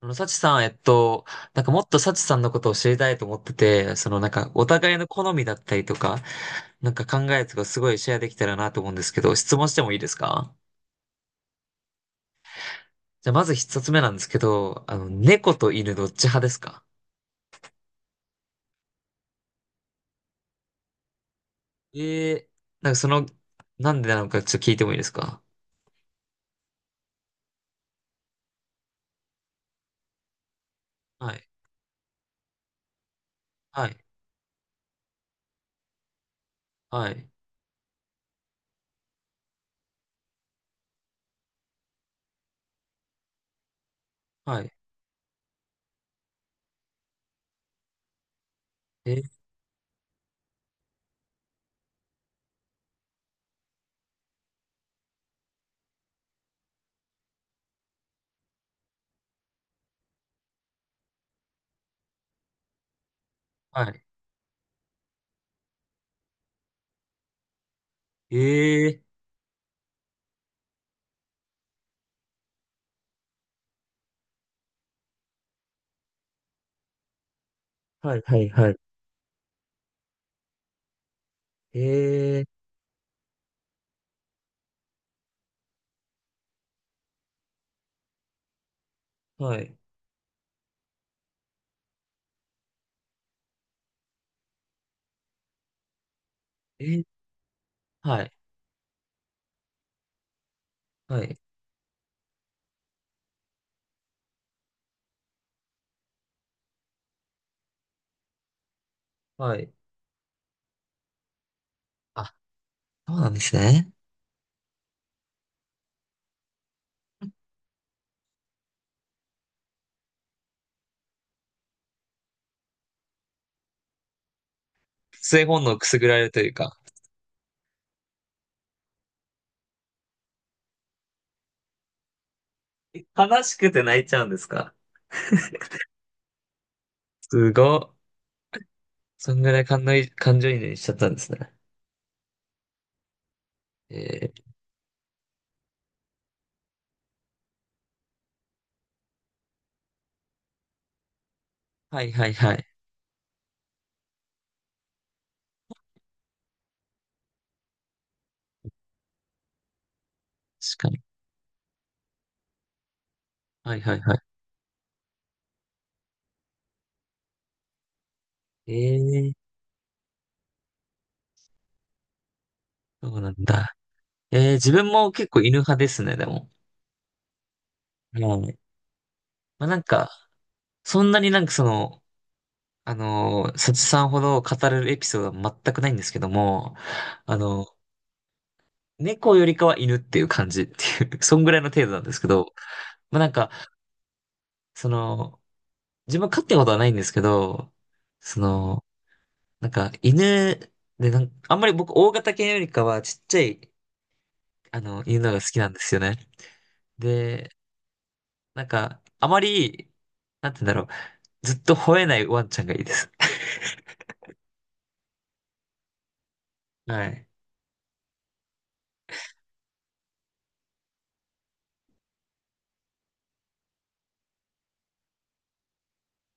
サチさん、なんかもっとサチさんのことを知りたいと思ってて、そのなんかお互いの好みだったりとか、なんか考えとかすごいシェアできたらなと思うんですけど、質問してもいいですか？じゃあまず一つ目なんですけど、猫と犬どっち派ですか？ええー、なんかその、なんでなのかちょっと聞いてもいいですか？はい、はい、はい、はい、えー、はい、ええー、はい、はい、はい、ええー、はい、えー、はい、はい、はい。あ、そうなんですね。性本能くすぐられるというか、悲しくて泣いちゃうんですか？すごっ。そんぐらい感の感情移入しちゃったんですね。えー、はいはいはい。確かに。はいはいはい。えー、そうなんだ。えー、自分も結構犬派ですね、でも。はい。まあなんか、そんなになんかその、サチさんほど語れるエピソードは全くないんですけども、あの、猫よりかは犬っていう感じっていう、そんぐらいの程度なんですけど、まあなんか、その、自分飼ってことはないんですけど、その、なんか犬でなんか、あんまり僕大型犬よりかはちっちゃい、犬のが好きなんですよね。で、なんか、あまり、なんて言うんだろう、ずっと吠えないワンちゃんがいいです。はい。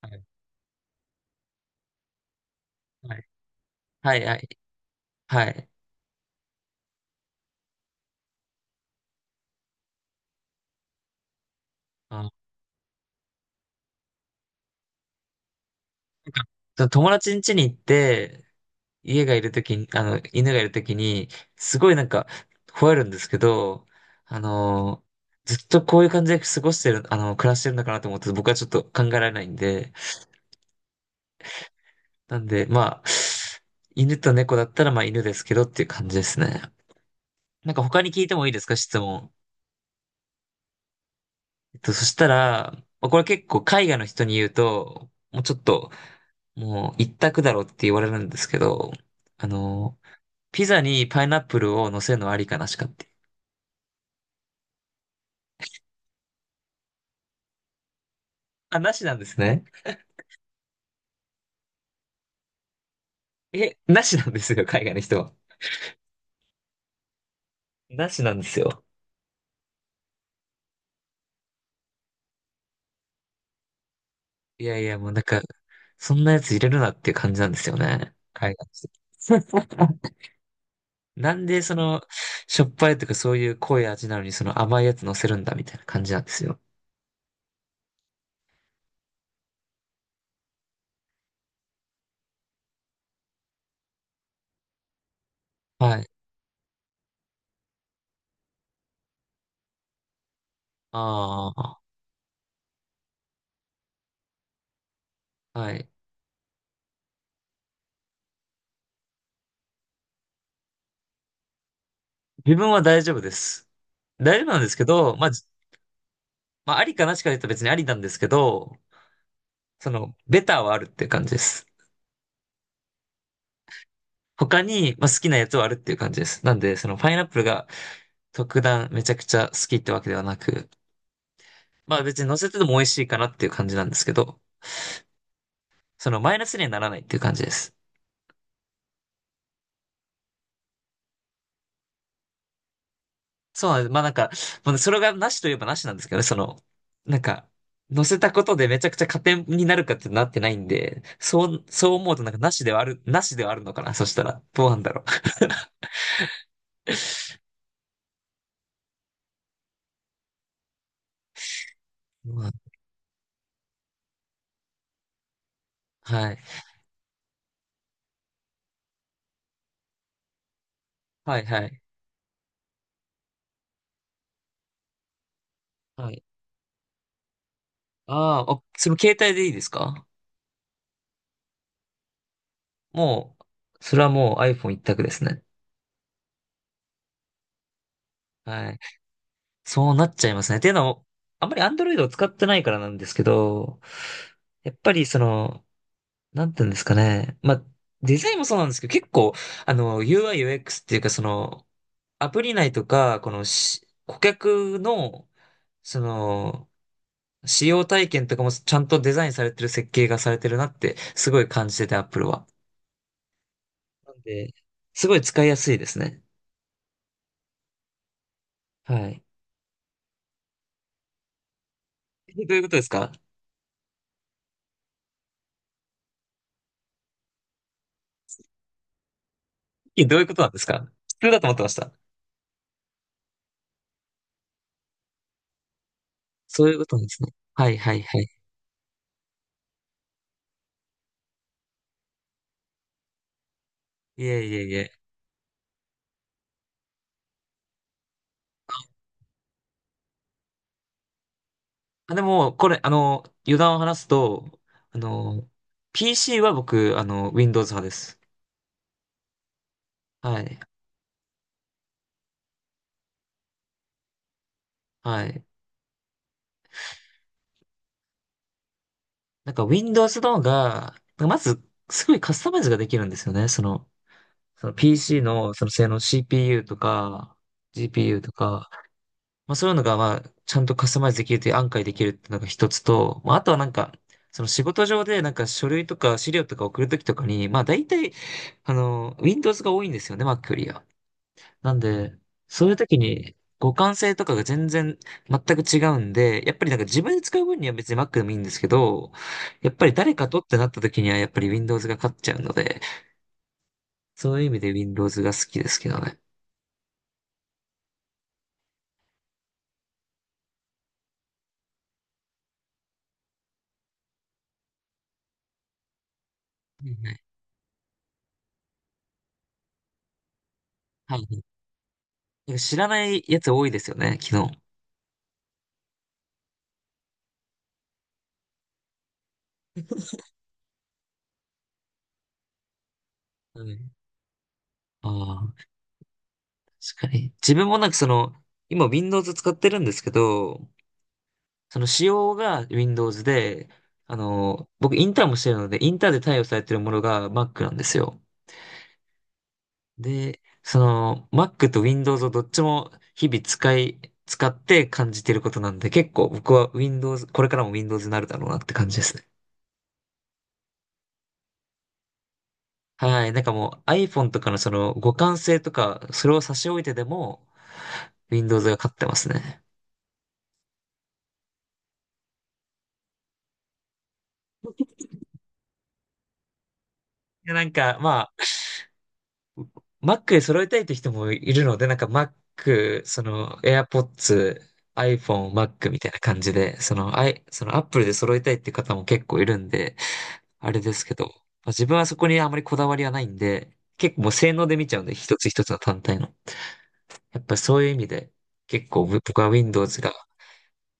はい。はい。はい。はい。はい。あ、その友達ん家に行って、家がいるときに、犬がいるときに、すごいなんか、吠えるんですけど、あのずっとこういう感じで過ごしてる、暮らしてるのかなと思って、僕はちょっと考えられないんで、なんで、まあ、犬と猫だったら、まあ犬ですけどっていう感じですね。なんか他に聞いてもいいですか、質問。そしたら、まあこれ結構海外の人に言うと、もうちょっと、もう一択だろうって言われるんですけど、あのピザにパイナップルを乗せるのはありかなしかって。あ、なしなんですね。え、なしなんですよ、海外の人は。なしなんですよ。いやいや、もうなんか、そんなやつ入れるなっていう感じなんですよね。海外の人。なんでその、しょっぱいとかそういう濃い味なのにその甘いやつ乗せるんだみたいな感じなんですよ。はい。ああ、はい。自分は大丈夫です。大丈夫なんですけど、まあ、まあ、ありかなしか言うと別にありなんですけど、その、ベターはあるっていう感じです。他に、まあ、好きなやつはあるっていう感じです。なんで、その、パイナップルが特段めちゃくちゃ好きってわけではなく、まあ別に乗せてても美味しいかなっていう感じなんですけど、そのマイナスにはならないっていう感じです。そうなんです。まあなんか、まあ、それがなしといえばなしなんですけどね、その、なんか、乗せたことでめちゃくちゃ加点になるかってなってないんで、そう、そう思うとなんかなしではある、なしではあるのかな、そしたら。どうなんだろう。うん、はい。はいはい。はい。あーあ、その携帯でいいですか？もう、それはもう iPhone 一択ですね。はい。そうなっちゃいますね。っていうのも、あんまり Android を使ってないからなんですけど、やっぱりその、なんていうんですかね。まあ、デザインもそうなんですけど、結構、UI、UX っていうか、その、アプリ内とか、この顧客の、その、使用体験とかもちゃんとデザインされてる設計がされてるなって、すごい感じてて、Apple は。なんで、すごい使いやすいですね。はい。え、どういうことですか？え、どういうことなんですか？普通だと思ってました。そういうことなんですね。はいはいはい。いえいえいえ。あ、でも、これ、余談を話すと、あの、PC は僕、Windows 派です。はい。はい。なんか Windows の方が、まず、すごいカスタマイズができるんですよね。その、 PC の、その性能 CPU とか、GPU とか、まあそういうのが、まあ、ちゃんとカスタマイズできるという案外できるっていうのが一つと、まああとはなんか、その仕事上でなんか書類とか資料とか送るときとかに、まあ大体、Windows が多いんですよね、Mac よりは。なんで、そういうときに互換性とかが全然全く違うんで、やっぱりなんか自分で使う分には別に Mac でもいいんですけど、やっぱり誰かとってなったときにはやっぱり Windows が勝っちゃうので、そういう意味で Windows が好きですけどね。はいはい。はいはい。なんか知らないやつ多いですよね、昨日。はい。ああ、確かに。自分もなんかその、今 Windows 使ってるんですけど、その仕様が Windows で、僕インターンもしてるので、インターンで対応されてるものが Mac なんですよ。で、その Mac と Windows をどっちも日々使って感じてることなんで、結構僕は Windows、これからも Windows になるだろうなって感じですね。はい。なんかもう iPhone とかのその互換性とか、それを差し置いてでも Windows が勝ってますね。いや、なんか、Mac で揃えたいって人もいるので、なんか Mac、その AirPods、iPhone、Mac みたいな感じで、その、その Apple で揃えたいって方も結構いるんで、あれですけど、まあ、自分はそこにあまりこだわりはないんで、結構もう性能で見ちゃうんで、一つ一つの単体の。やっぱりそういう意味で、結構僕は Windows が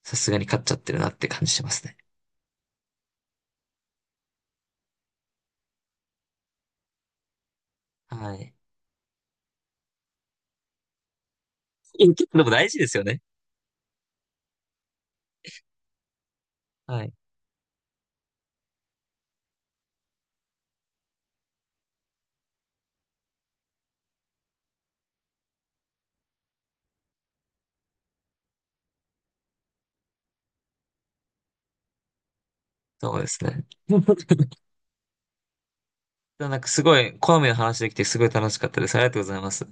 さすがに勝っちゃってるなって感じしますね。はい。いや結構でも大事ですよね。はい。そうですね。なんかすごい、好みの話できてすごい楽しかったです。ありがとうございます。